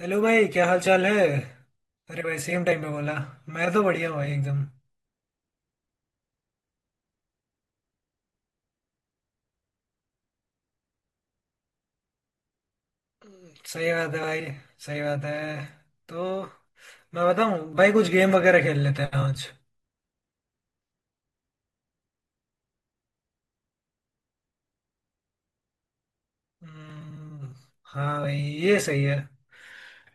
Hello भाई, क्या हाल चाल है। अरे भाई, सेम टाइम पे बोला। मैं तो बढ़िया हूँ भाई एकदम। सही बात है भाई। सही बात है। तो मैं बताऊँ भाई, कुछ गेम वगैरह खेल लेते हैं आज। हम्म। हाँ भाई, ये सही है।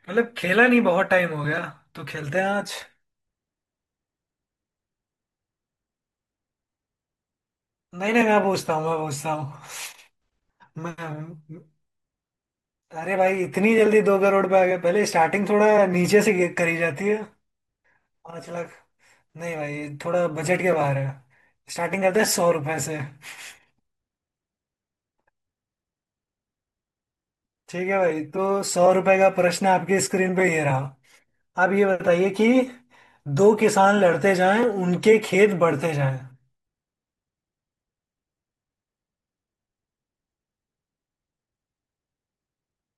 मतलब खेला नहीं, बहुत टाइम हो गया। तो खेलते हैं आज। नहीं नहीं, मैं पूछता हूँ, मैं पूछता हूँ। मैं... अरे भाई, इतनी जल्दी दो करोड़ पे आ गए? पहले स्टार्टिंग थोड़ा नीचे से करी जाती है। पाँच लाख। नहीं भाई, थोड़ा बजट के बाहर है। स्टार्टिंग करते हैं सौ रुपए से। ठीक है भाई, तो सौ रुपए का प्रश्न आपकी स्क्रीन पे ये रहा। आप ये बताइए कि दो किसान लड़ते जाएं, उनके खेत बढ़ते जाएं।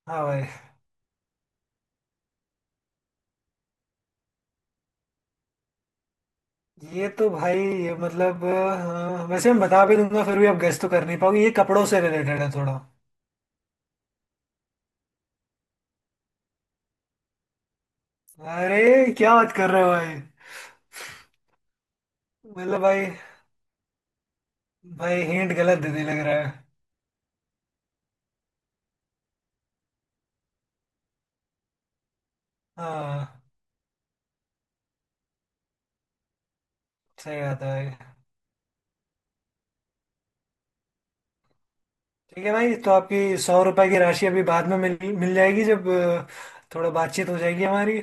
हाँ भाई। ये तो भाई, ये मतलब वैसे मैं बता भी दूंगा, फिर भी आप गेस तो कर नहीं पाओगे। ये कपड़ों से रिलेटेड है थोड़ा। अरे क्या बात कर रहे हो भाई। मतलब भाई। भाई हिंट गलत दे दी, लग रहा है। हाँ, सही बात है भाई। ठीक है भाई, तो आपकी सौ रुपए की राशि अभी बाद में मिल मिल जाएगी, जब थोड़ा बातचीत हो जाएगी हमारी।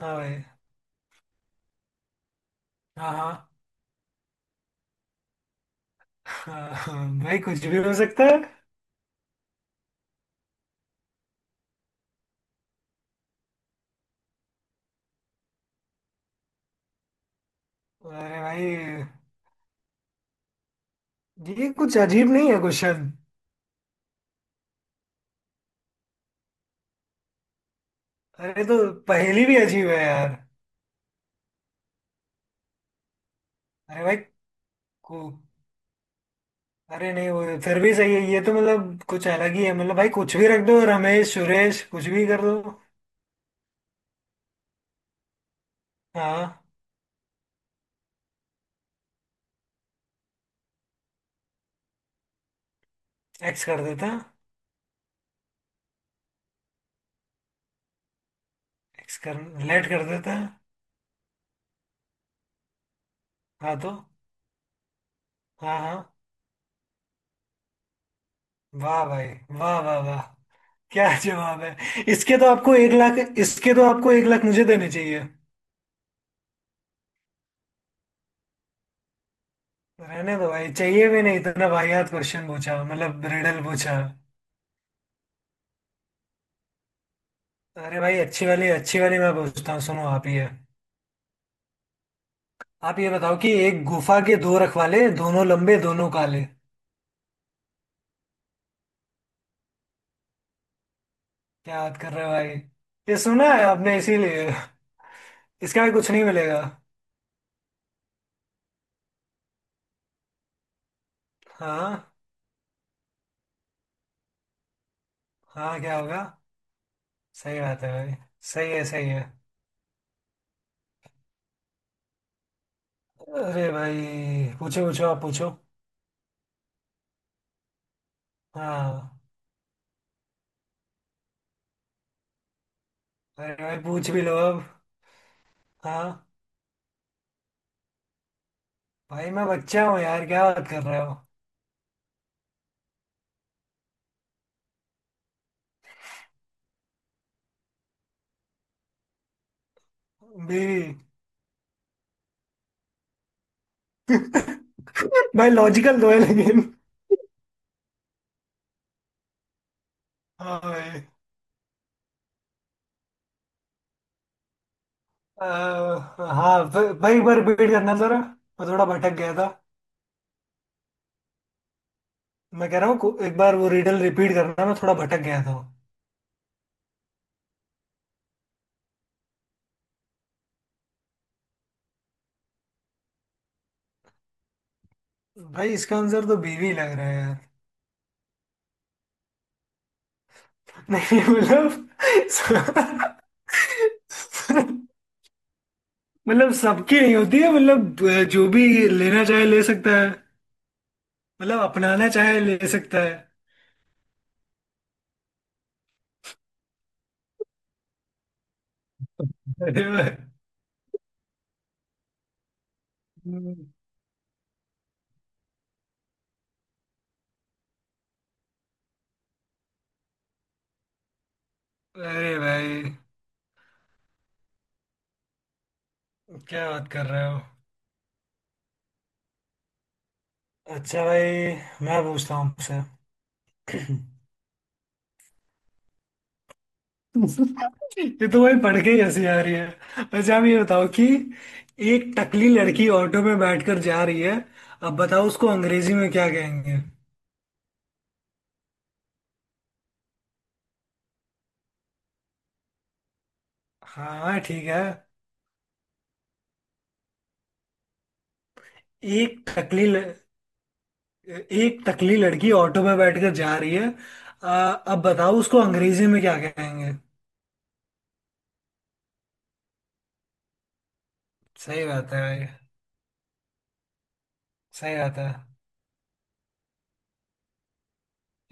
हाँ भाई। हाँ हाँ। हाँ, हाँ भाई, कुछ भी हो सकता है। अरे भाई, ये कुछ अजीब नहीं है क्वेश्चन? अरे तो पहेली भी अजीब है यार। अरे भाई, को अरे नहीं, वो फिर भी सही है। ये तो मतलब कुछ अलग ही है, मतलब भाई कुछ भी रख दो, रमेश सुरेश, कुछ भी कर दो। हाँ। एक्स कर देता। एक्स कर लेट कर देता। हाँ तो। हाँ हाँ। वाह भाई, वाह वाह वाह, क्या जवाब है। इसके तो आपको एक लाख इसके तो आपको एक लाख मुझे देने चाहिए। रहने दो भाई, चाहिए भी नहीं। इतना वाहियात क्वेश्चन पूछा, मतलब रिडल पूछा। अरे भाई, अच्छी वाली मैं पूछता हूँ, सुनो। आप ये बताओ कि एक गुफा के दो रखवाले, दोनों लंबे दोनों काले। क्या याद कर रहे हो भाई? ये सुना है आपने इसीलिए। इसका भी कुछ नहीं मिलेगा। हाँ हाँ, क्या होगा। सही बात है भाई, सही है सही है। अरे भाई, पूछो पूछो, आप पूछो। हाँ। अरे भाई, पूछ भी लो अब। हाँ भाई, मैं बच्चा हूँ यार, क्या बात कर रहे हो। बीवी। भाई लॉजिकल तो है लेकिन... हाँ भाई। हाँ, भाई एक बार रिपीट करना जरा। मैं थोड़ा भटक गया था। मैं कह रहा हूँ एक बार वो रिडल रिपीट करना, मैं थोड़ा भटक गया था। भाई इसका आंसर तो बीवी लग रहा है यार। नहीं मतलब... मतलब सबकी नहीं होती है, मतलब जो भी लेना चाहे ले सकता है। मतलब अपनाना चाहे ले सकता है। अरे वाह। हम्म, अरे भाई, क्या बात कर रहे हो। अच्छा भाई, मैं पूछता हूँ आपसे। ये तो भाई, पढ़ के ही हंसी आ रही है। अच्छा आप ये बताओ कि एक टकली लड़की ऑटो में बैठकर जा रही है। अब बताओ उसको अंग्रेजी में क्या कहेंगे। हाँ ठीक है। एक टकली ल... एक टकली लड़की ऑटो में बैठकर जा रही है। अब बताओ उसको अंग्रेजी में क्या कहेंगे। सही बात है भाई। सही बात है।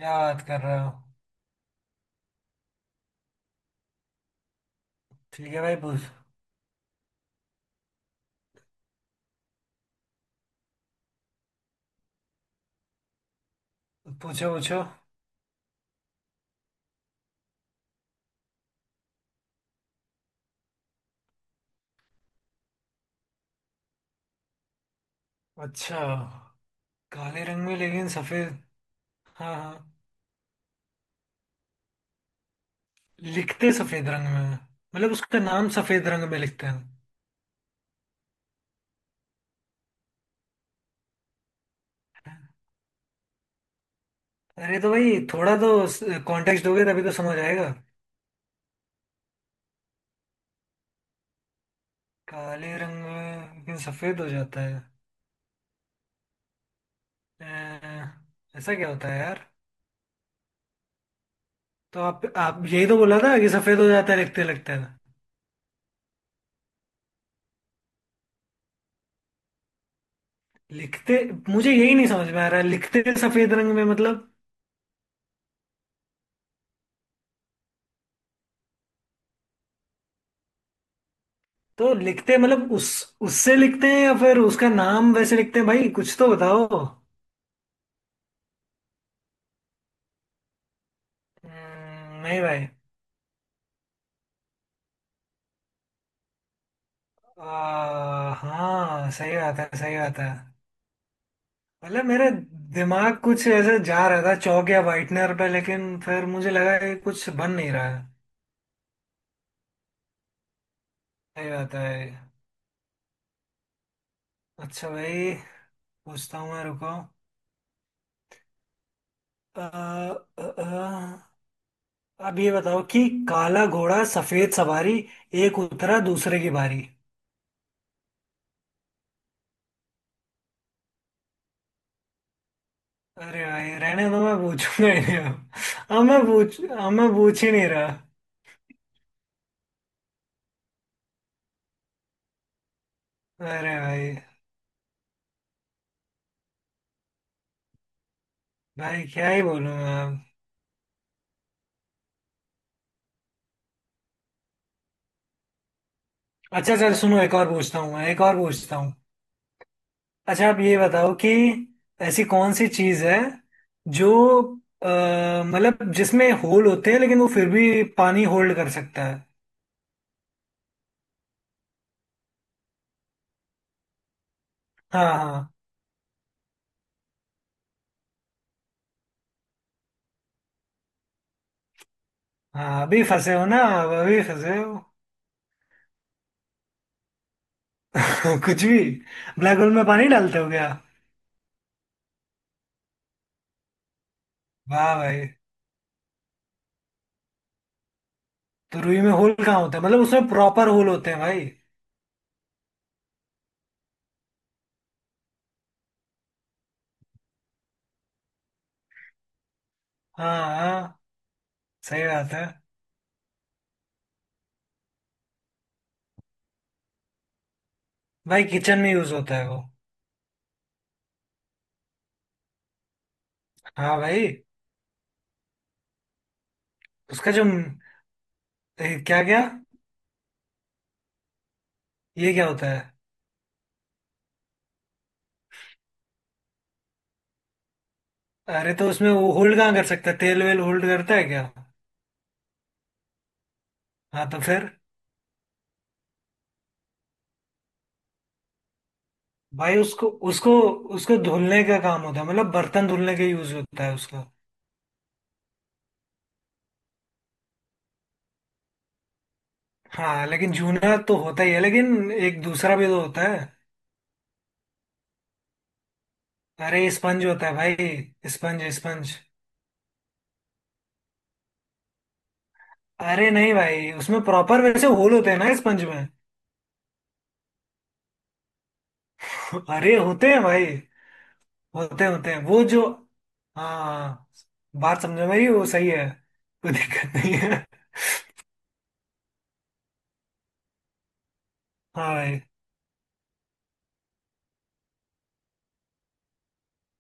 क्या बात कर रहे हो। ठीक है भाई, पूछो पूछो। अच्छा। काले रंग में लेकिन सफेद। हाँ हाँ। लिखते सफेद रंग में हैं। मतलब उसका नाम सफेद रंग में लिखते हैं। अरे तो भाई, थोड़ा तो कॉन्टेक्स्ट दोगे तभी तो समझ आएगा। काले रंग में लेकिन सफेद हो जाता है। ऐसा क्या होता है यार। तो आप यही तो बोला था कि सफेद हो जाता है लिखते लिखते। लिखते? मुझे यही नहीं समझ में आ रहा है, लिखते सफेद रंग में मतलब। तो लिखते मतलब उस उससे लिखते हैं या फिर उसका नाम वैसे लिखते हैं, भाई कुछ तो बताओ। नहीं भाई। हाँ, सही बात है सही बात है। मतलब मेरा दिमाग कुछ ऐसे जा रहा था चौक या वाइटनर पे, लेकिन फिर मुझे लगा कि कुछ बन नहीं रहा है। सही बात है। अच्छा भाई। पूछता हूँ मैं, रुको। आ, आ, अब ये बताओ कि काला घोड़ा सफेद सवारी, एक उतरा दूसरे की बारी। अरे भाई रहने, तो मैं पूछूंगा ही नहीं अब। अब मैं पूछ ही नहीं रहा। अरे भाई। भाई क्या ही बोलूं मैं। अच्छा सर सुनो, एक और पूछता हूँ। अच्छा आप ये बताओ कि ऐसी कौन सी चीज है जो अ, मतलब जिसमें होल होते हैं, लेकिन वो फिर भी पानी होल्ड कर सकता है। हाँ हाँ। हाँ, अभी फंसे हो ना आप, अभी फंसे हो। कुछ भी। ब्लैक होल में पानी डालते हो क्या? वाह भाई। तो रुई में होल कहाँ होता है, मतलब उसमें प्रॉपर होल होते हैं भाई। हाँ हाँ। सही बात है। भाई किचन में यूज होता है वो। हाँ भाई। उसका जो क्या क्या... ये क्या होता है? अरे तो उसमें वो होल्ड कहाँ कर सकता है, तेल वेल होल्ड करता है क्या? हाँ तो फिर... भाई उसको उसको उसको धुलने का काम होता है, मतलब बर्तन धुलने का यूज होता है उसका। हाँ, लेकिन जूना तो होता ही है, लेकिन एक दूसरा भी तो होता है। अरे स्पंज होता है भाई, स्पंज स्पंज। अरे नहीं भाई, उसमें प्रॉपर वैसे होल होते हैं ना, स्पंज में। अरे होते हैं भाई। होते होते हैं वो जो... हाँ। बात समझो मेरी, वो सही है। कोई दिक्कत नहीं है। हाँ भाई,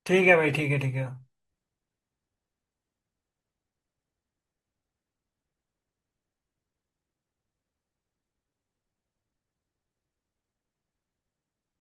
ठीक है भाई, ठीक है ठीक है।